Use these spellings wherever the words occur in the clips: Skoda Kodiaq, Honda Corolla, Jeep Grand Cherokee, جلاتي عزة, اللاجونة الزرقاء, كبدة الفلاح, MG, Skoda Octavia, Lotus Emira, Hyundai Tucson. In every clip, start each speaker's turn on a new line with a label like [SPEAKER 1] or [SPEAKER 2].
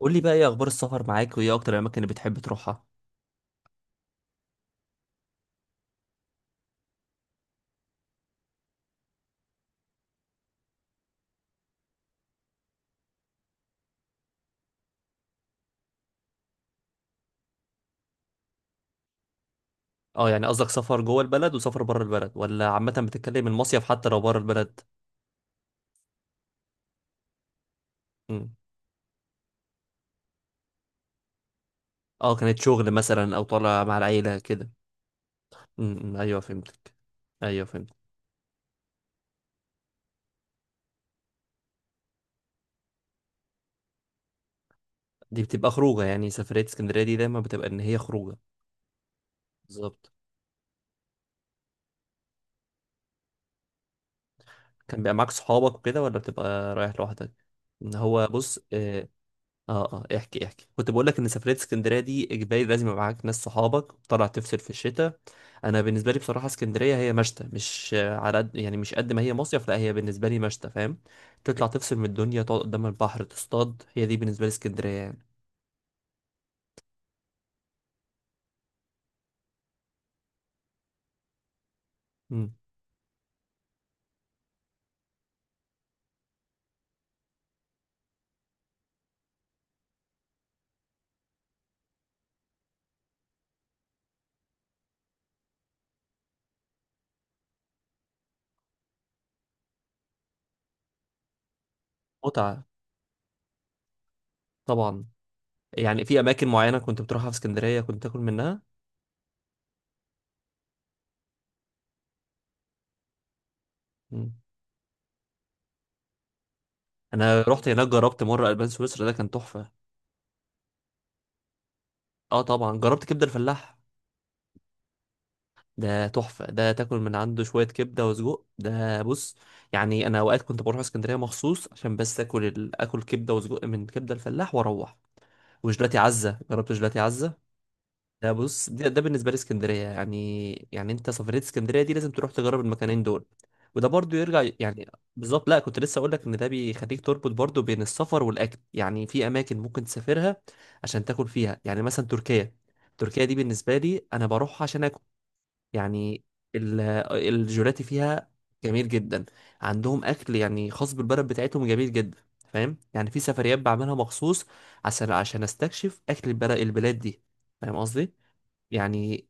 [SPEAKER 1] قول لي بقى ايه اخبار السفر معاك وايه اكتر الاماكن اللي بتحب تروحها. اه يعني قصدك سفر جوه البلد وسفر بره البلد ولا عامه بتتكلم المصيف حتى لو بره البلد. امم. اه كانت شغل مثلا او طالع مع العيله كده. امم، ايوه فهمتك. ايوه فهمت. دي بتبقى خروجه، يعني سفريه اسكندريه دي دايما بتبقى ان هي خروجه. بالظبط. كان بيبقى معاك صحابك وكده ولا بتبقى رايح لوحدك؟ ان هو بص اه احكي، كنت بقول لك ان سفريه اسكندريه دي اجباري لازم يبقى معاك ناس صحابك وطلع تفصل في الشتاء. انا بالنسبه لي بصراحه اسكندريه هي مشتى، مش على قد، يعني مش قد ما هي مصيف، لا هي بالنسبه لي مشتى، فاهم. تطلع تفصل من الدنيا، تقعد قدام البحر تصطاد، هي دي بالنسبه لي اسكندريه يعني. مم. متعه، طبعا. يعني في اماكن معينه كنت بتروحها في اسكندريه كنت تاكل منها؟ مم. انا رحت هناك جربت مره البان سويسرا ده، كان تحفه. اه طبعا جربت كبده الفلاح، ده تحفة، ده تاكل من عنده شوية كبدة وسجق، ده بص، يعني أنا أوقات كنت بروح اسكندرية مخصوص عشان آكل كبدة وسجق من كبدة الفلاح وأروح. وجلاتي عزة، جربت جلاتي عزة؟ ده بص، ده بالنسبة لي اسكندرية يعني، يعني أنت سفرية اسكندرية دي لازم تروح تجرب المكانين دول. وده برضو يرجع يعني بالظبط. لا كنت لسه أقول لك إن ده بيخليك تربط برضو بين السفر والأكل، يعني في أماكن ممكن تسافرها عشان تاكل فيها، يعني مثلا تركيا. تركيا دي بالنسبة لي أنا بروح عشان آكل، يعني ال- الجيلاتي فيها جميل جدا. عندهم اكل يعني خاص بالبلد بتاعتهم، جميل جدا. فاهم، يعني في سفريات بعملها مخصوص عشان استكشف اكل البلاد دي. فاهم قصدي. يعني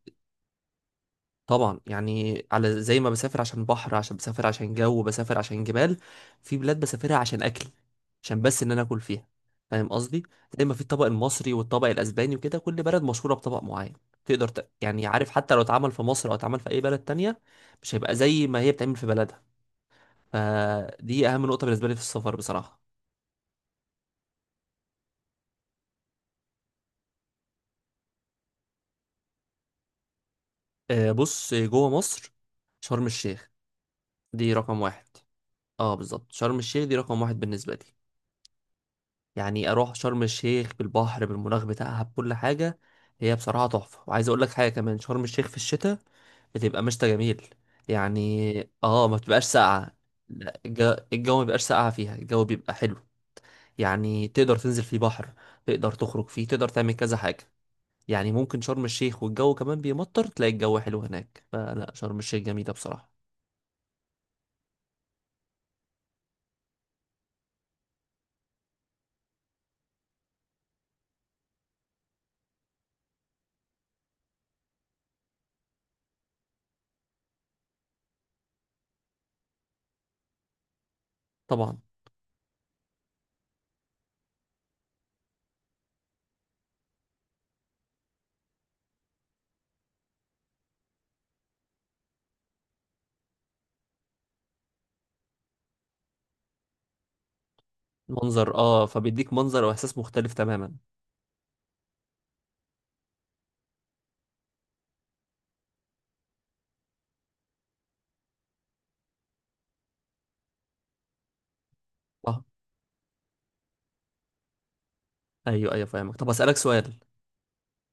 [SPEAKER 1] طبعا، يعني على زي ما بسافر عشان بحر، عشان بسافر عشان جو، بسافر عشان جبال، في بلاد بسافرها عشان اكل، عشان بس ان انا اكل فيها. فاهم قصدي. زي ما في الطبق المصري والطبق الاسباني وكده، كل بلد مشهوره بطبق معين، يعني عارف، حتى لو اتعمل في مصر او اتعمل في اي بلد تانية مش هيبقى زي ما هي بتعمل في بلدها. فدي اهم نقطه بالنسبه لي في السفر بصراحه. بص جوه مصر، شرم الشيخ. دي رقم واحد. اه بالظبط، شرم الشيخ دي رقم واحد بالنسبه لي. يعني اروح شرم الشيخ بالبحر بالمناخ بتاعها بكل حاجه، هي بصراحه تحفه. وعايز اقول لك حاجه كمان، شرم الشيخ في الشتاء بتبقى مشتى جميل. يعني اه ما بتبقاش ساقعه. لا الجو ما بيبقاش ساقعه فيها، الجو بيبقى حلو، يعني تقدر تنزل فيه بحر، تقدر تخرج فيه، تقدر تعمل كذا حاجه. يعني ممكن شرم الشيخ والجو كمان بيمطر، تلاقي الجو حلو هناك، فلا شرم الشيخ جميله بصراحه. طبعا منظر، اه فبيديك منظر واحساس مختلف تماما. اه ايوه فاهمك. طب اسالك سؤال،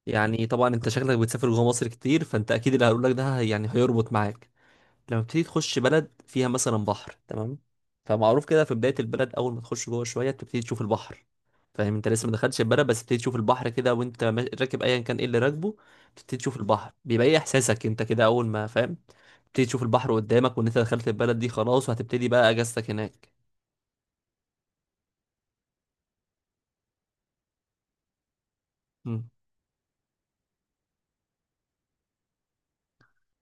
[SPEAKER 1] يعني طبعا انت شكلك بتسافر جوه مصر كتير، فانت اكيد اللي هقول لك ده يعني هيربط معاك. لما بتبتدي تخش بلد فيها مثلا بحر، تمام؟ فمعروف كده في بداية البلد اول ما تخش جوه شوية بتبتدي تشوف البحر. فاهم انت لسه ما دخلتش البلد بس بتبتدي تشوف البحر كده، وانت راكب ايا كان ايه اللي راكبه، بتبتدي تشوف البحر، بيبقى ايه احساسك انت كده اول ما فاهم بتبتدي تشوف البحر قدامك، وان انت دخلت البلد دي خلاص وهتبتدي بقى اجازتك هناك؟ امم.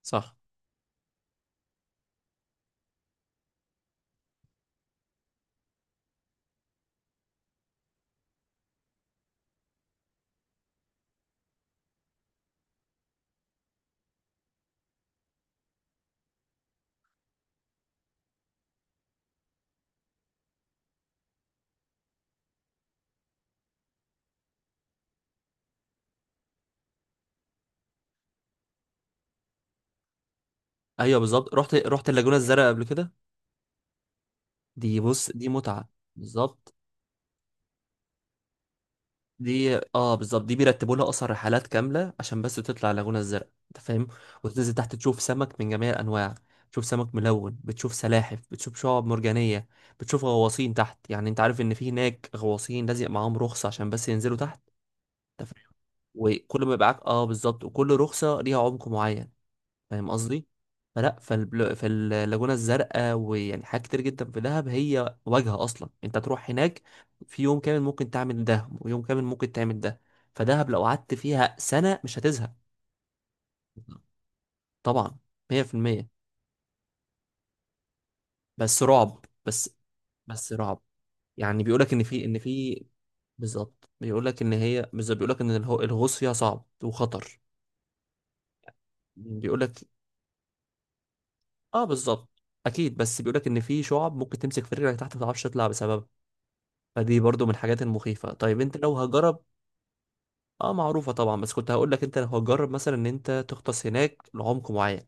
[SPEAKER 1] صح. ايوه بالظبط. رحت اللاجونة الزرقاء قبل كده، دي بص دي متعة. بالظبط. دي اه بالظبط، دي بيرتبوا لها اصلا رحلات كامله عشان بس تطلع اللاجونه الزرقاء، انت فاهم. وتنزل تحت تشوف سمك من جميع الانواع، تشوف سمك ملون، بتشوف سلاحف، بتشوف شعاب مرجانيه، بتشوف غواصين تحت. يعني انت عارف ان في هناك غواصين لازق معاهم رخصه عشان بس ينزلوا تحت، انت فاهم. وكل ما يبقى معاك، اه بالظبط، وكل رخصه ليها عمق معين، فاهم قصدي. فاللاجونة الزرقاء ويعني حاجات كتير جدا في دهب، هي واجهة أصلا أنت تروح هناك. في يوم كامل ممكن تعمل ده ويوم كامل ممكن تعمل ده، فدهب لو قعدت فيها سنة مش هتزهق. طبعا، 100%. بس رعب، بس رعب. يعني بيقولك إن في، بالظبط بيقولك إن بالظبط بيقولك إن الغوص فيها صعب وخطر. بيقولك آه بالظبط، أكيد، بس بيقولك إن في شعب ممكن تمسك في رجلك تحت ما تعرفش تطلع بسببها. فدي برضو من الحاجات المخيفة. طيب انت لو هجرب، اه معروفة طبعا، بس كنت هقول لك انت لو هتجرب مثلا ان انت تغطس هناك لعمق معين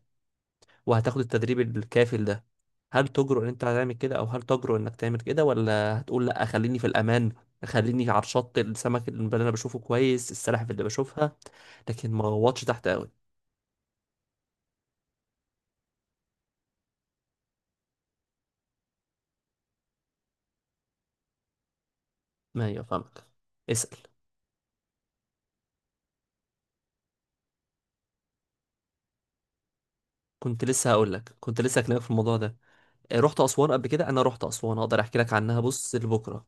[SPEAKER 1] وهتاخد التدريب الكافل ده، هل تجرؤ ان انت هتعمل كده، او هل تجرؤ انك تعمل كده، ولا هتقول لا خليني في الامان، خليني على الشط، السمك اللي انا بشوفه كويس، السلاحف اللي بشوفها، لكن ما غوطش تحت قوي. ما هي فاهمك. اسأل. كنت لسه هقول لك، كنت لسه هكلمك في الموضوع ده. رحت اسوان قبل كده، انا رحت اسوان اقدر احكي لك عنها. بص لبكره،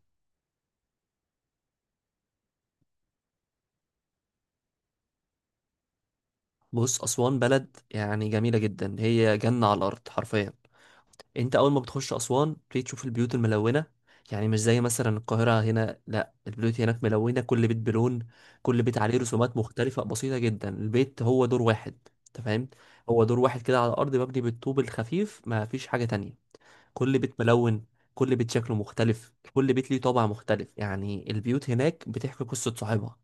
[SPEAKER 1] بص أسوان بلد يعني جميلة جدا، هي جنة على الأرض حرفيا. أنت أول ما بتخش أسوان بتيجي تشوف البيوت الملونة. يعني مش زي مثلا القاهرة هنا، لا البيوت هناك ملونة، كل بيت بلون، كل بيت عليه رسومات مختلفة بسيطة جدا، البيت هو دور واحد. أنت فاهم، هو دور واحد كده على الأرض مبني بالطوب الخفيف، ما فيش حاجة تانية. كل بيت ملون، كل بيت شكله مختلف، كل بيت ليه طابع مختلف. يعني البيوت هناك بتحكي قصة صاحبها،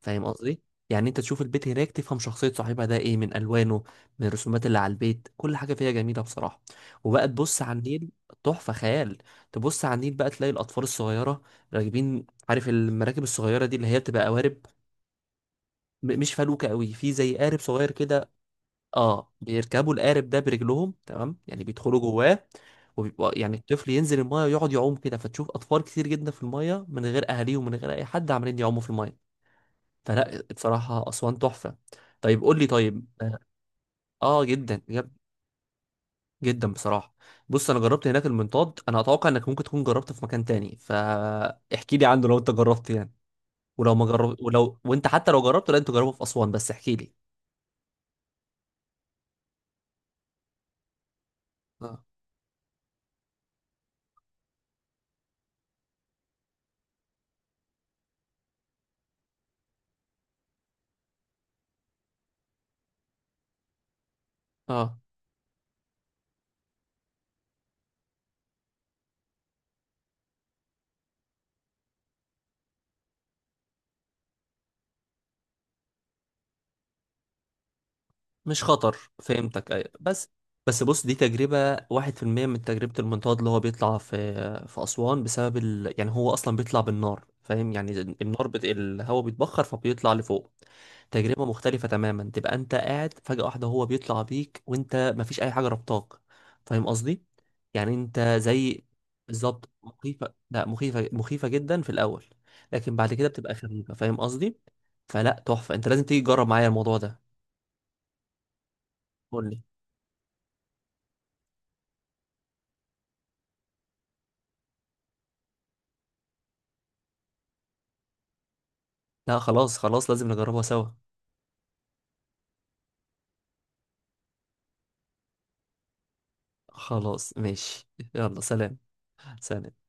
[SPEAKER 1] فاهم قصدي. يعني انت تشوف البيت هناك تفهم شخصية صاحبها ده ايه، من الوانه، من الرسومات اللي على البيت، كل حاجة فيها جميلة بصراحة. وبقى تبص على النيل، تحفة خيال. تبص على النيل بقى تلاقي الاطفال الصغيرة راكبين، عارف المراكب الصغيرة دي اللي هي بتبقى قوارب، مش فلوكة قوي، في زي قارب صغير كده، اه بيركبوا القارب ده برجلهم، تمام، يعني بيدخلوا جواه، وبيبقى يعني الطفل ينزل المايه ويقعد يعوم كده. فتشوف اطفال كتير جدا في المايه من غير اهاليهم ومن غير اي حد عمالين يعوموا في المايه. فلا بصراحة أسوان تحفة. طيب قول لي، طيب آه آه، جدا جد- جدا بصراحة. بص أنا جربت هناك المنطاد، أنا أتوقع إنك ممكن تكون جربته في مكان تاني، فاحكي لي عنه لو أنت جربت يعني، ولو ما جربت، ولو وأنت حتى لو جربته لا أنت جربه في أسوان، بس احكي لي. آه. آه. مش خطر. فهمتك، أيوة. بس بص دي تجربة واحد في المية من تجربة المنطاد اللي هو بيطلع في في أسوان، بسبب يعني هو أصلا بيطلع بالنار، فاهم يعني النار الهواء بيتبخر فبيطلع لفوق. تجربة مختلفة تماما، تبقى أنت قاعد فجأة واحدة هو بيطلع بيك وأنت مفيش أي حاجة ربطاك. فاهم قصدي؟ يعني أنت زي بالظبط مخيفة. لا مخيفة، مخيفة جدا في الأول، لكن بعد كده بتبقى خفيفة. فاهم قصدي؟ فلا تحفة، أنت لازم تيجي تجرب معايا الموضوع ده. قول لي. لا خلاص خلاص، لازم نجربها سوا. خلاص ماشي. يلا سلام. سلام.